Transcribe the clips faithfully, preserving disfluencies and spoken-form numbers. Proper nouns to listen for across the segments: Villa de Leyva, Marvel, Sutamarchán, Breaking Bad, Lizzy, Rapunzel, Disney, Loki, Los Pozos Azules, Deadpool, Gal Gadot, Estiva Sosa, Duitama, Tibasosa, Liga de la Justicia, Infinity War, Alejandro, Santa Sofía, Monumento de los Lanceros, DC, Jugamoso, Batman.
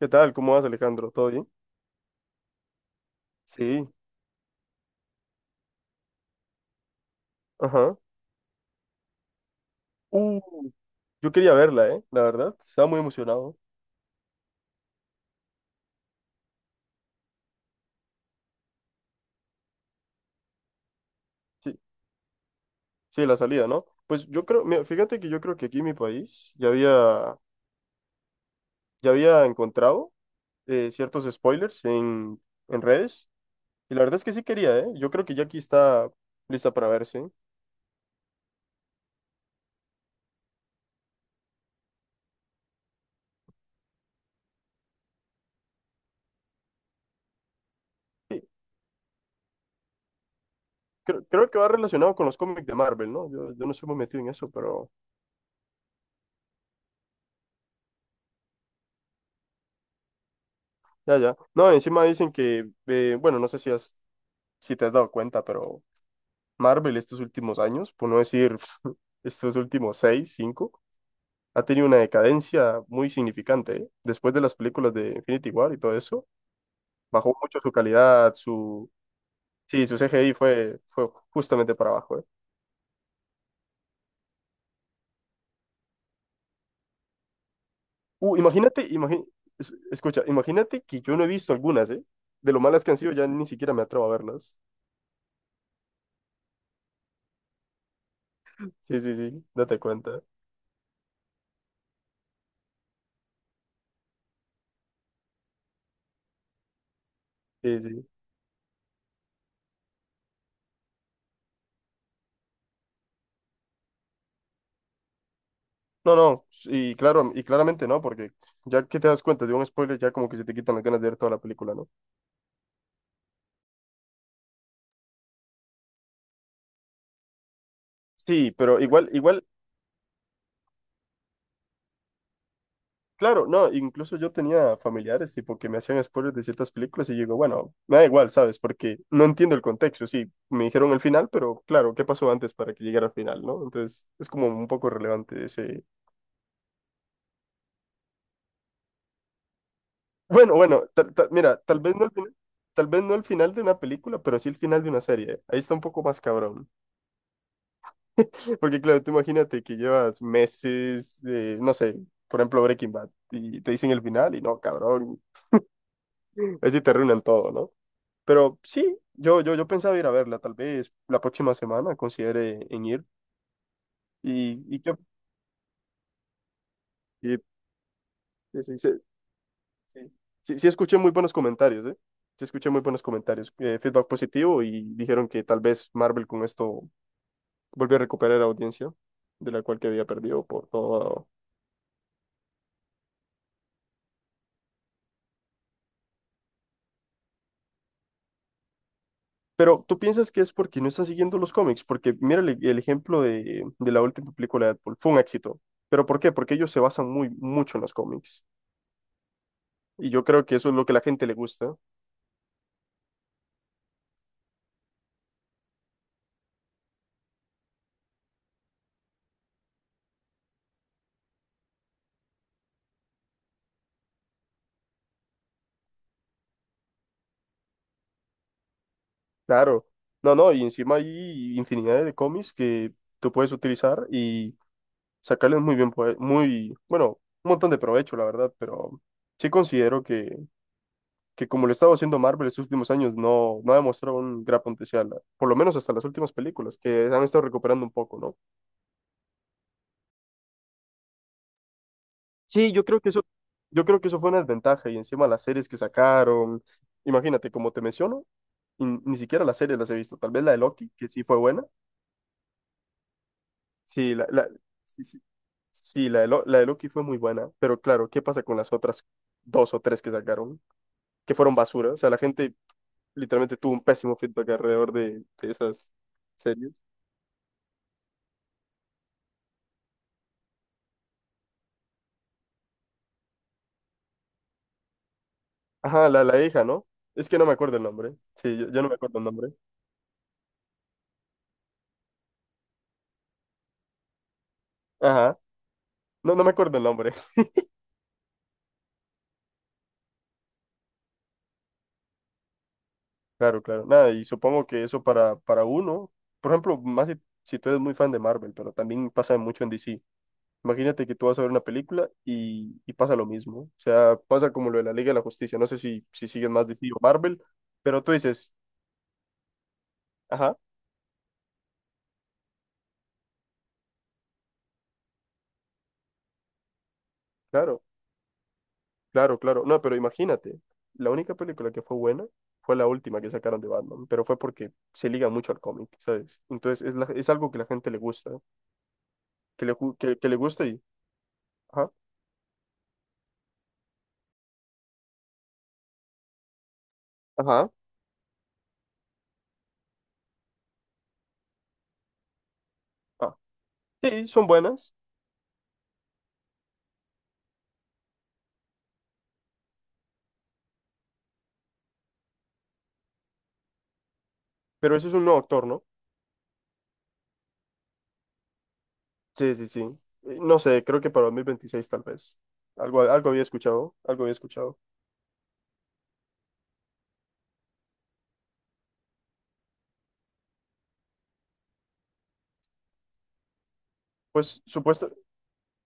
¿Qué tal? ¿Cómo vas, Alejandro? ¿Todo bien? Sí. Ajá. Uh, yo quería verla, ¿eh? La verdad. Estaba muy emocionado. Sí, sí, la salida, ¿no? Pues yo creo, mira, fíjate que yo creo que aquí en mi país ya había, ya había encontrado eh, ciertos spoilers en, en redes. Y la verdad es que sí quería, ¿eh? Yo creo que ya aquí está lista para verse. Sí, creo, creo que va relacionado con los cómics de Marvel, ¿no? Yo, yo no soy muy metido en eso, pero ya, ya. No, encima dicen que, eh, bueno, no sé si, has, si te has dado cuenta, pero Marvel estos últimos años, por no decir estos últimos seis, cinco, ha tenido una decadencia muy significante, ¿eh? Después de las películas de Infinity War y todo eso, bajó mucho su calidad, su... Sí, su C G I fue, fue justamente para abajo, ¿eh? Uh, imagínate, imagi- es- escucha, imagínate que yo no he visto algunas, ¿eh? De lo malas que han sido, ya ni siquiera me atrevo a verlas. Sí, sí, sí, date cuenta. Sí, sí. No, no, y claro, y claramente no, porque ya que te das cuenta de un spoiler, ya como que se te quitan las ganas de ver toda la película, ¿no? Sí, pero igual, igual, claro, no, incluso yo tenía familiares tipo que me hacían spoilers de ciertas películas y yo digo, bueno, me da igual, ¿sabes? Porque no entiendo el contexto, sí, me dijeron el final, pero claro, ¿qué pasó antes para que llegara al final, no? Entonces, es como un poco relevante ese... Bueno, bueno, tal- tal- mira, tal vez no el final, tal vez no el final de una película, pero sí el final de una serie. Ahí está un poco más cabrón. Porque claro, tú imagínate que llevas meses de, no sé, por ejemplo, Breaking Bad y te dicen el final y no, cabrón, así te arruinan todo, ¿no? Pero sí, yo, yo, yo pensaba ir a verla, tal vez la próxima semana considere en ir. Y, y que y- sí, sí, sí, sí, sí, sí escuché muy buenos comentarios, ¿eh? Sí escuché muy buenos comentarios, eh, feedback positivo y dijeron que tal vez Marvel con esto vuelve a recuperar la audiencia de la cual que había perdido por todo. Pero tú piensas que es porque no están siguiendo los cómics, porque mira el, el ejemplo de, de la última película de Deadpool, fue un éxito. ¿Pero por qué? Porque ellos se basan muy mucho en los cómics. Y yo creo que eso es lo que a la gente le gusta. Claro, no, no, y encima hay infinidad de cómics que tú puedes utilizar y sacarles muy bien, pues, muy, bueno, un montón de provecho, la verdad, pero sí considero que, que como lo estaba haciendo Marvel estos últimos años, no, no ha demostrado un gran potencial, por lo menos hasta las últimas películas, que han estado recuperando un poco, ¿no? Sí, yo creo que eso, yo creo que eso fue una desventaja y encima las series que sacaron, imagínate, como te menciono, y ni siquiera las series las he visto, tal vez la de Loki, que sí fue buena, sí, la, la- sí, sí, Sí, la de, Lo- la de Loki fue muy buena, pero claro, ¿qué pasa con las otras dos o tres que sacaron? Que fueron basura. O sea, la gente literalmente tuvo un pésimo feedback alrededor de, de esas series. Ajá, la, la hija, ¿no? Es que no me acuerdo el nombre. Sí, yo, yo no me acuerdo el nombre. Ajá. No, no me acuerdo el nombre. Claro, claro. Nada, y supongo que eso para, para uno, por ejemplo, más si, si tú eres muy fan de Marvel, pero también pasa mucho en D C. Imagínate que tú vas a ver una película y, y pasa lo mismo. O sea, pasa como lo de la Liga de la Justicia. No sé si, si siguen más D C o Marvel, pero tú dices, ajá, claro, claro, claro. No, pero imagínate, la única película que fue buena fue la última que sacaron de Batman, pero fue porque se liga mucho al cómic, ¿sabes? Entonces es, la- es algo que la gente le gusta, que le, ju- que, que le gusta y, ajá, ajá, ah. Sí, son buenas, pero eso es un nuevo actor, ¿no? Sí, sí, sí. Eh, no sé, creo que para dos mil veintiséis tal vez. Algo, algo había escuchado, algo había escuchado. Pues, supuesta,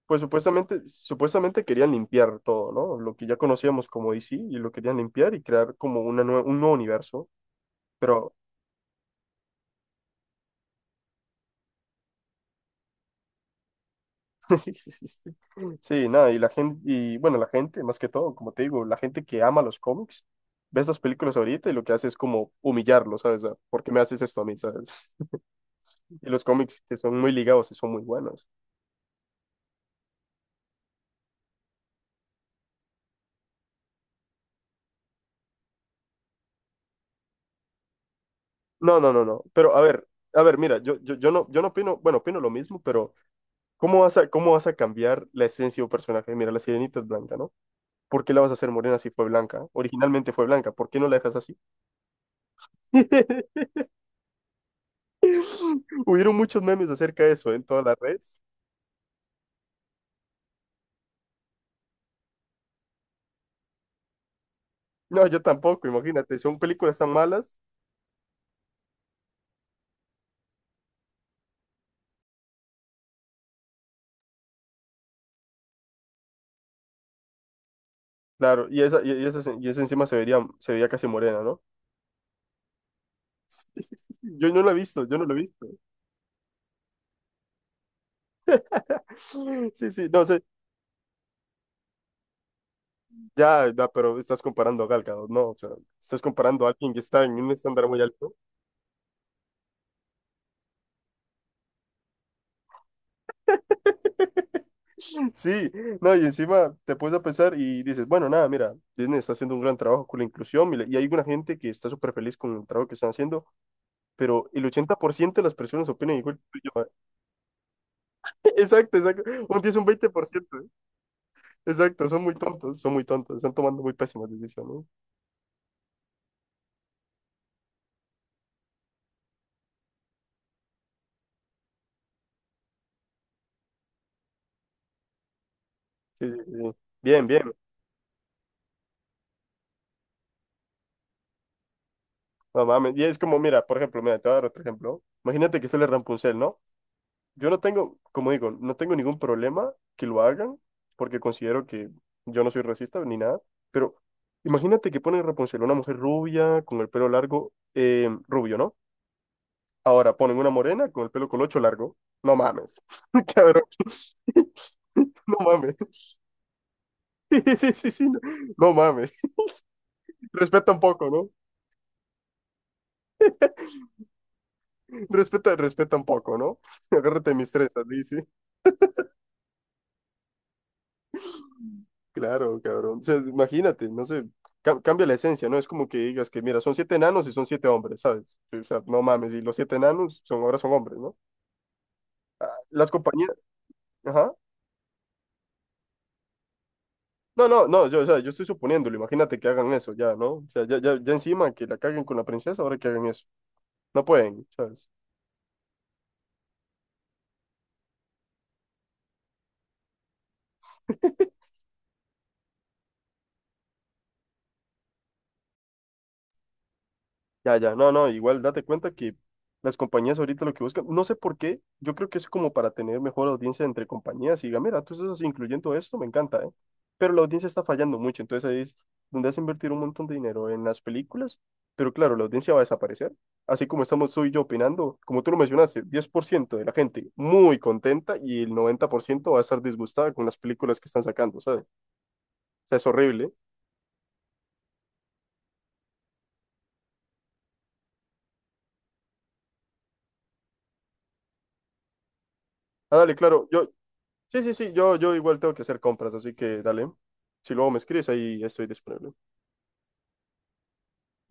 pues supuestamente, supuestamente querían limpiar todo, ¿no? Lo que ya conocíamos como D C y lo querían limpiar y crear como una nue- un nuevo universo. Pero sí, nada, y la gente, y bueno, la gente, más que todo, como te digo, la gente que ama los cómics, ve estas películas ahorita y lo que hace es como humillarlo, ¿sabes? Ah, ¿por qué me haces esto a mí, ¿sabes? Y los cómics que son muy ligados y son muy buenos. No, no, no, no. Pero a ver, a ver, mira, yo, yo, yo no, yo no opino, bueno, opino lo mismo, pero ¿cómo vas a, cómo vas a cambiar la esencia de un personaje? Mira, la sirenita es blanca, ¿no? ¿Por qué la vas a hacer morena si fue blanca? Originalmente fue blanca, ¿por qué no la dejas así? Hubieron muchos memes acerca de eso en todas las redes. No, yo tampoco, imagínate, son películas tan malas, claro, y esa, y, y esa, y esa encima se vería, se veía casi morena, ¿no? Yo no la he visto, yo no lo he visto. Sí, sí, no sé, ya, ya, pero estás comparando a Gal Gadot, no, o sea, estás comparando a alguien que está en un estándar muy alto. Sí, no, y encima te puedes a pensar y dices, bueno, nada, mira, Disney está haciendo un gran trabajo con la inclusión mira, y hay una gente que está súper feliz con el trabajo que están haciendo, pero el ochenta por ciento de las personas opinan igual que yo. Exacto, exacto, un diez un veinte por ciento, ¿eh? Exacto, son muy tontos, son muy tontos, están tomando muy pésimas decisiones. Sí, sí, sí, sí. Bien, bien, no mames, y es como, mira, por ejemplo, mira, te voy a dar otro ejemplo, imagínate que sale Rampuncel, ¿no? Yo no tengo, como digo, no tengo ningún problema que lo hagan, porque considero que yo no soy racista ni nada, pero imagínate que ponen Rapunzel, una mujer rubia con el pelo largo, eh, rubio, ¿no? Ahora ponen una morena con el pelo colocho largo. No mames, cabrón. No mames. Sí, sí, sí, sí no, no mames. Respeta un poco, ¿no? Respeta, respeta un poco, ¿no? Agárrate de mis trenzas, Lizzy. Claro, cabrón. O sea, imagínate, no sé, ca- cambia la esencia, ¿no? Es como que digas que, mira, son siete enanos y son siete hombres, ¿sabes? Sí, o sea, no mames, y los siete enanos son, ahora son hombres, ¿no? Las compañías, ajá. No, no, no, yo, o sea, yo estoy suponiéndolo, imagínate que hagan eso ya, ¿no? O sea, ya, ya, ya encima que la caguen con la princesa, ahora que hagan eso. No pueden, ¿sabes? Ya, ya, no, no, igual date cuenta que las compañías ahorita lo que buscan, no sé por qué, yo creo que es como para tener mejor audiencia entre compañías y diga, mira, tú estás incluyendo esto, me encanta, ¿eh? Pero la audiencia está fallando mucho, entonces ahí es donde has invertido un montón de dinero en las películas, pero claro, la audiencia va a desaparecer, así como estamos tú y yo opinando, como tú lo mencionaste, diez por ciento de la gente muy contenta y el noventa por ciento va a estar disgustada con las películas que están sacando, ¿sabes? O sea, es horrible. Ah, dale, claro, yo, sí, sí, sí, yo, yo igual tengo que hacer compras, así que dale. Si luego me escribes, ahí estoy disponible.